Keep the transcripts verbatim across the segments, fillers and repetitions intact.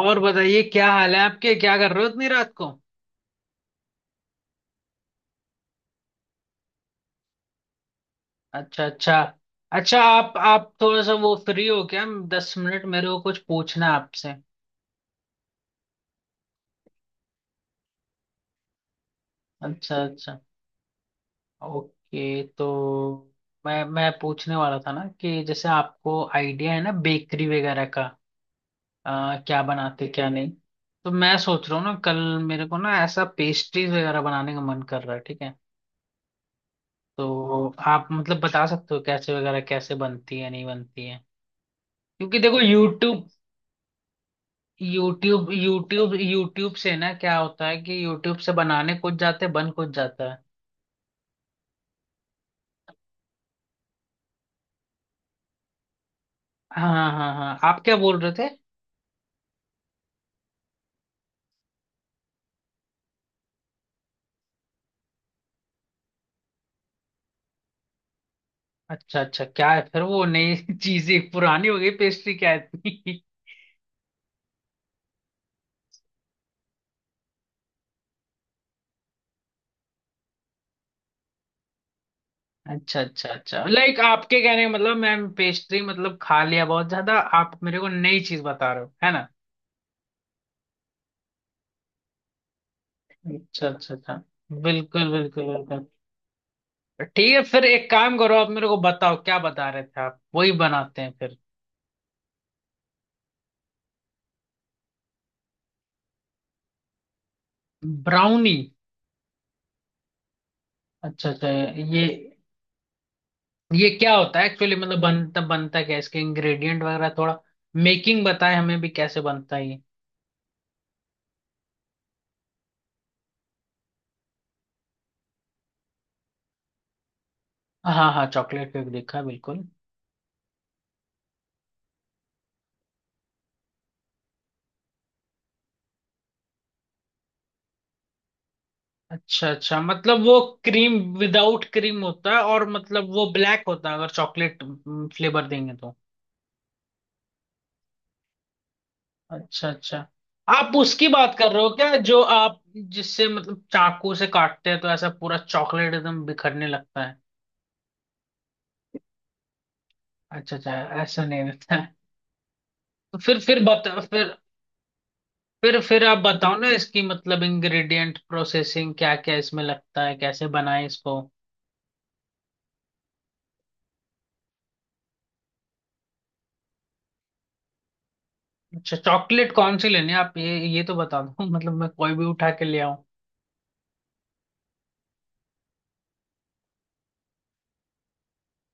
और बताइए, क्या हाल है आपके? क्या कर रहे हो इतनी रात को? अच्छा अच्छा। अच्छा, आप आप थोड़ा सा वो फ्री हो क्या? दस मिनट मेरे को कुछ पूछना है आपसे। अच्छा अच्छा। ओके, तो मैं मैं पूछने वाला था ना कि जैसे आपको आइडिया है ना बेकरी वगैरह का, आ, क्या बनाते क्या नहीं। तो मैं सोच रहा हूँ ना कल मेरे को ना ऐसा पेस्ट्रीज वगैरह बनाने का मन कर रहा है, ठीक है? तो आप मतलब बता सकते हो कैसे वगैरह, कैसे बनती है नहीं बनती है। क्योंकि देखो, YouTube यूट्यूब यूट्यूब यूट्यूब से ना क्या होता है कि यूट्यूब से बनाने कुछ जाते हैं, बन कुछ जाता है। हाँ हाँ हाँ, आप क्या बोल रहे थे? अच्छा अच्छा, क्या है फिर वो नई चीजें, पुरानी हो गई पेस्ट्री क्या है इतनी? अच्छा अच्छा अच्छा, लाइक आपके कहने का मतलब मैम, पेस्ट्री मतलब खा लिया बहुत ज्यादा। आप मेरे को नई चीज बता रहे हो, है ना? अच्छा अच्छा अच्छा। बिल्कुल बिल्कुल बिल्कुल। ठीक है फिर, एक काम करो, आप मेरे को बताओ क्या बता रहे थे आप, वही बनाते हैं फिर। ब्राउनी? अच्छा अच्छा। ये ये क्या होता है एक्चुअली? मतलब बनता बनता क्या है? इसके इंग्रेडिएंट वगैरह थोड़ा मेकिंग बताए, हमें भी कैसे बनता है ये? हाँ हाँ, चॉकलेट केक देखा बिल्कुल। अच्छा अच्छा, मतलब वो क्रीम विदाउट क्रीम होता है, और मतलब वो ब्लैक होता है अगर चॉकलेट फ्लेवर देंगे तो। अच्छा अच्छा। आप उसकी बात कर रहे हो क्या जो आप, जिससे मतलब चाकू से काटते हैं तो ऐसा पूरा चॉकलेट एकदम बिखरने लगता है? अच्छा अच्छा। ऐसा नहीं होता है? तो फिर फिर बता फिर। फिर फिर आप बताओ ना इसकी, मतलब इंग्रेडिएंट प्रोसेसिंग क्या क्या इसमें लगता है, कैसे बनाए इसको। अच्छा, चॉकलेट कौन सी लेनी है आप, ये ये तो बता दो मतलब मैं कोई भी उठा के ले आऊं?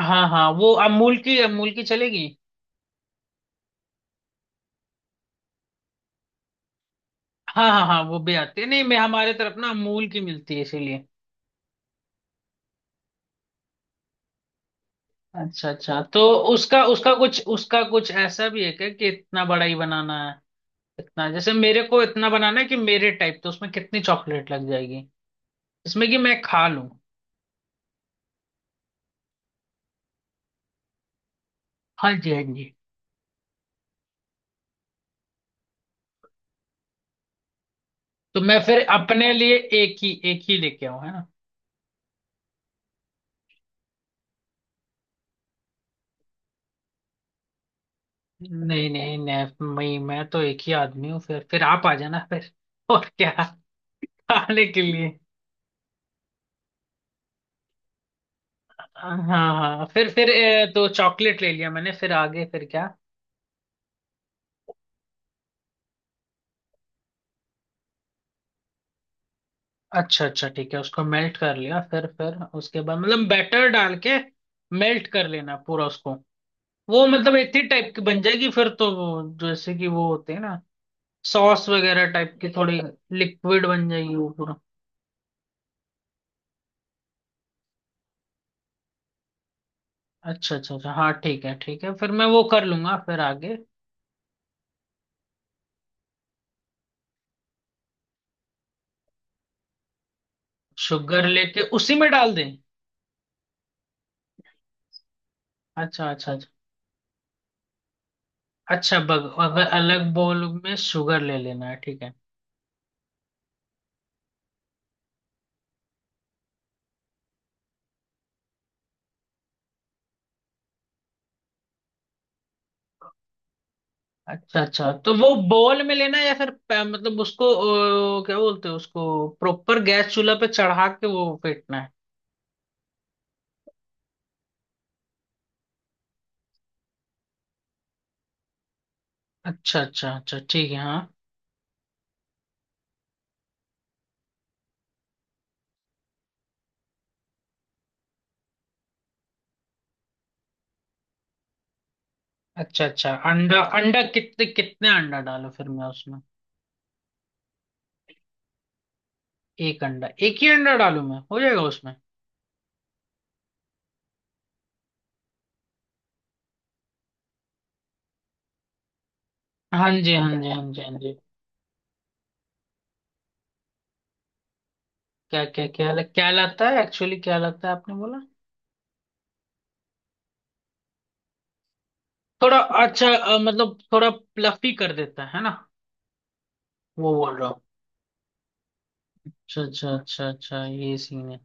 हाँ हाँ, वो अमूल की, अमूल की चलेगी? हाँ हाँ हाँ, वो भी आती है, नहीं मैं हमारे तरफ ना अमूल की मिलती है इसीलिए। अच्छा अच्छा। तो उसका उसका कुछ, उसका कुछ ऐसा भी है क्या कि इतना बड़ा ही बनाना है? इतना जैसे मेरे को इतना बनाना है कि मेरे टाइप, तो उसमें कितनी चॉकलेट लग जाएगी इसमें कि मैं खा लूं? हाँ जी हाँ जी। तो मैं फिर अपने लिए एक ही, एक ही लेके आऊं, है ना? नहीं नहीं नहीं, मैं मैं तो एक ही आदमी हूँ, फिर फिर आप आ जाना फिर और क्या, खाने के लिए। हाँ हाँ, फिर फिर ए, तो चॉकलेट ले लिया मैंने, फिर आगे फिर क्या? अच्छा अच्छा ठीक है, उसको मेल्ट कर लिया, फिर फिर उसके बाद मतलब बैटर डाल के मेल्ट कर लेना पूरा उसको। वो मतलब इतनी टाइप की बन जाएगी फिर तो, वो जैसे कि वो होते हैं ना सॉस वगैरह टाइप की, थोड़ी लिक्विड बन जाएगी वो पूरा? अच्छा अच्छा अच्छा हाँ, ठीक है ठीक है, फिर मैं वो कर लूंगा फिर आगे। शुगर लेके उसी में डाल दें? अच्छा अच्छा अच्छा अच्छा, बग अगर अलग बोल में शुगर ले लेना है, ठीक है। अच्छा अच्छा, तो वो बोल में लेना है या फिर पै- मतलब उसको, अ, क्या बोलते हैं उसको, प्रॉपर गैस चूल्हा पे चढ़ा के वो फेंटना है? अच्छा अच्छा अच्छा ठीक है हाँ। अच्छा अच्छा, अंडा अंडा कितने कितने अंडा डालो फिर मैं उसमें? एक अंडा, एक ही अंडा डालूं मैं, हो जाएगा उसमें? हाँ जी हाँ जी हाँ जी हाँ जी। क्या क्या क्या क्या लाता है एक्चुअली, क्या लाता है आपने बोला? थोड़ा। अच्छा, अ, मतलब थोड़ा प्लफी कर देता है है ना? वो बोल रहा हूँ। अच्छा अच्छा अच्छा अच्छा, ये सीन है।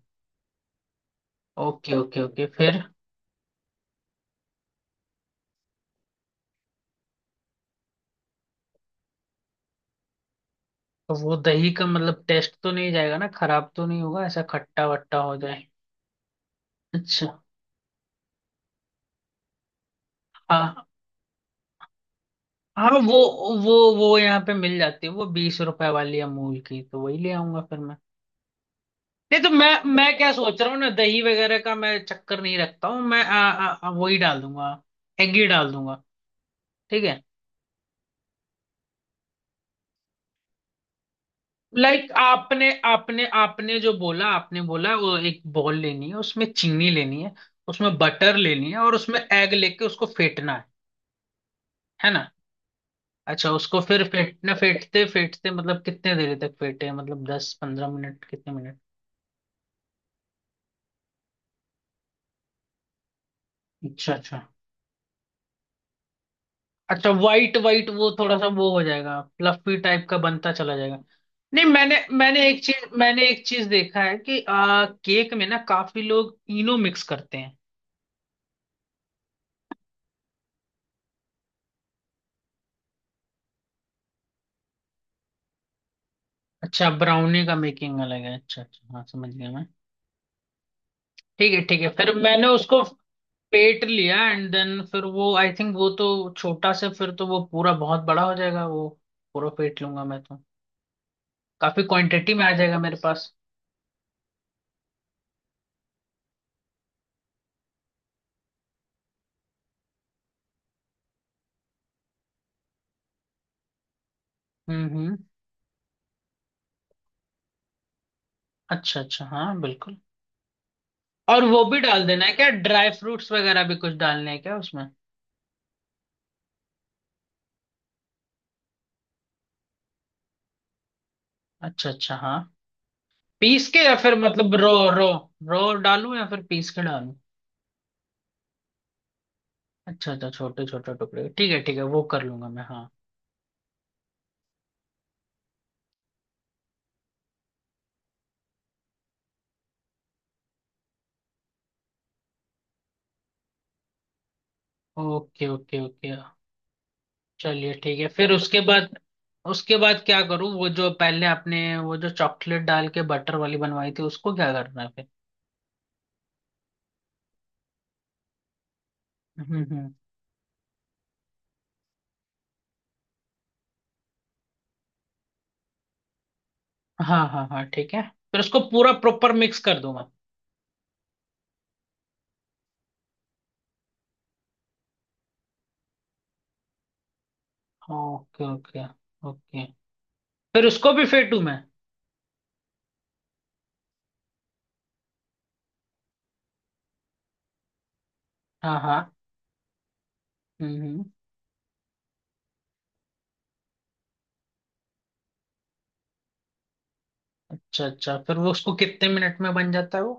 ओके ओके ओके, फिर। तो वो दही का मतलब टेस्ट तो नहीं जाएगा ना, खराब तो नहीं होगा, ऐसा खट्टा वट्टा हो जाए? अच्छा। हाँ हाँ, वो वो वो यहाँ पे मिल जाती है, वो बीस रुपए वाली अमूल की, तो वही ले आऊंगा फिर मैं। नहीं तो मैं मैं क्या सोच रहा हूँ ना, दही वगैरह का मैं चक्कर नहीं रखता हूँ, मैं आ, आ, आ, वही डाल दूंगा, एग ही डाल दूंगा, ठीक है। लाइक like आपने आपने आपने जो बोला, आपने बोला वो एक बॉल लेनी है, उसमें चीनी लेनी है, उसमें बटर लेनी है, और उसमें एग लेके उसको फेंटना है है ना? अच्छा, उसको फिर फेंटना, फेंटते फेंटते मतलब कितने देर तक फेंटे, मतलब दस पंद्रह मिनट, कितने मिनट? अच्छा अच्छा अच्छा, वाइट वाइट वो थोड़ा सा वो हो जाएगा, फ्लफी टाइप का बनता चला जाएगा। नहीं, मैंने मैंने एक चीज मैंने एक चीज देखा है कि आ, केक में ना काफी लोग इनो मिक्स करते हैं। अच्छा, ब्राउनी का मेकिंग अलग है, अच्छा अच्छा हाँ समझ गया मैं। ठीक है ठीक है, फिर मैंने उसको पेट लिया, एंड देन, फिर वो आई थिंक, वो तो छोटा से, फिर तो वो पूरा बहुत बड़ा हो जाएगा वो, पूरा पेट लूंगा मैं तो, काफी क्वांटिटी में आ जाएगा मेरे पास। हम्म हम्म। अच्छा अच्छा हाँ बिल्कुल। और वो भी डाल देना है क्या, ड्राई फ्रूट्स वगैरह भी कुछ डालने हैं क्या उसमें? अच्छा अच्छा हाँ, पीस के या फिर मतलब रो रो रो डालूं या फिर पीस के डालूं? अच्छा अच्छा, छोटे छोटे टुकड़े, ठीक है ठीक है, वो कर लूंगा मैं हाँ। ओके ओके ओके, चलिए ठीक है, फिर उसके बाद उसके बाद क्या करूँ? वो जो पहले आपने, वो जो चॉकलेट डाल के बटर वाली बनवाई थी, उसको क्या करना है फिर? हम्म हम्म। हाँ हाँ हाँ ठीक है, फिर उसको पूरा प्रॉपर मिक्स कर दूं मैं? ओके ओके ओके, फिर उसको भी फेंटू मैं? हाँ हाँ। हम्म हम्म। अच्छा अच्छा, फिर वो उसको कितने मिनट में बन जाता है वो?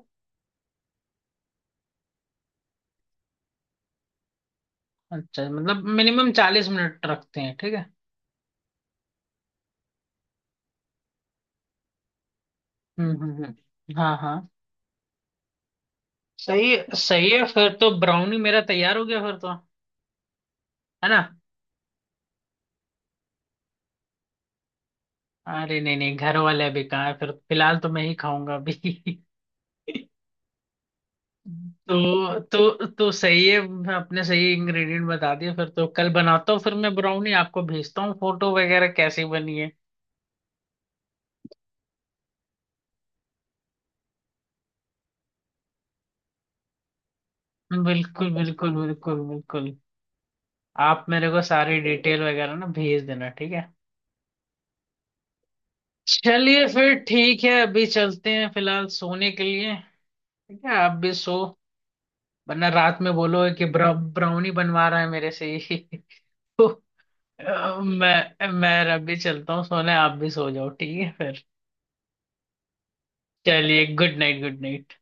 अच्छा मतलब मिनिमम चालीस मिनट रखते हैं, ठीक है। हम्म हम्म हम्म हाँ हाँ। सही सही है फिर तो, ब्राउनी मेरा तैयार हो गया फिर तो, है ना? अरे नहीं नहीं, घर वाले भी कहाँ है फिर, फिलहाल तो मैं ही खाऊंगा अभी तो तो तो सही है, आपने सही इंग्रेडिएंट बता दिए, फिर तो कल बनाता हूँ फिर मैं ब्राउनी, आपको भेजता हूँ फोटो वगैरह कैसी बनी है। बिल्कुल बिल्कुल बिल्कुल बिल्कुल, आप मेरे को सारी डिटेल वगैरह ना भेज देना, ठीक है? चलिए फिर ठीक है, अभी चलते हैं फिलहाल सोने के लिए, ठीक है? आप भी सो, वरना रात में बोलो कि ब्रा, ब्राउनी बनवा रहा है मेरे से ही अ, मैं मैं अभी चलता हूँ सोने, आप भी सो जाओ, ठीक है फिर? चलिए, गुड नाइट गुड नाइट।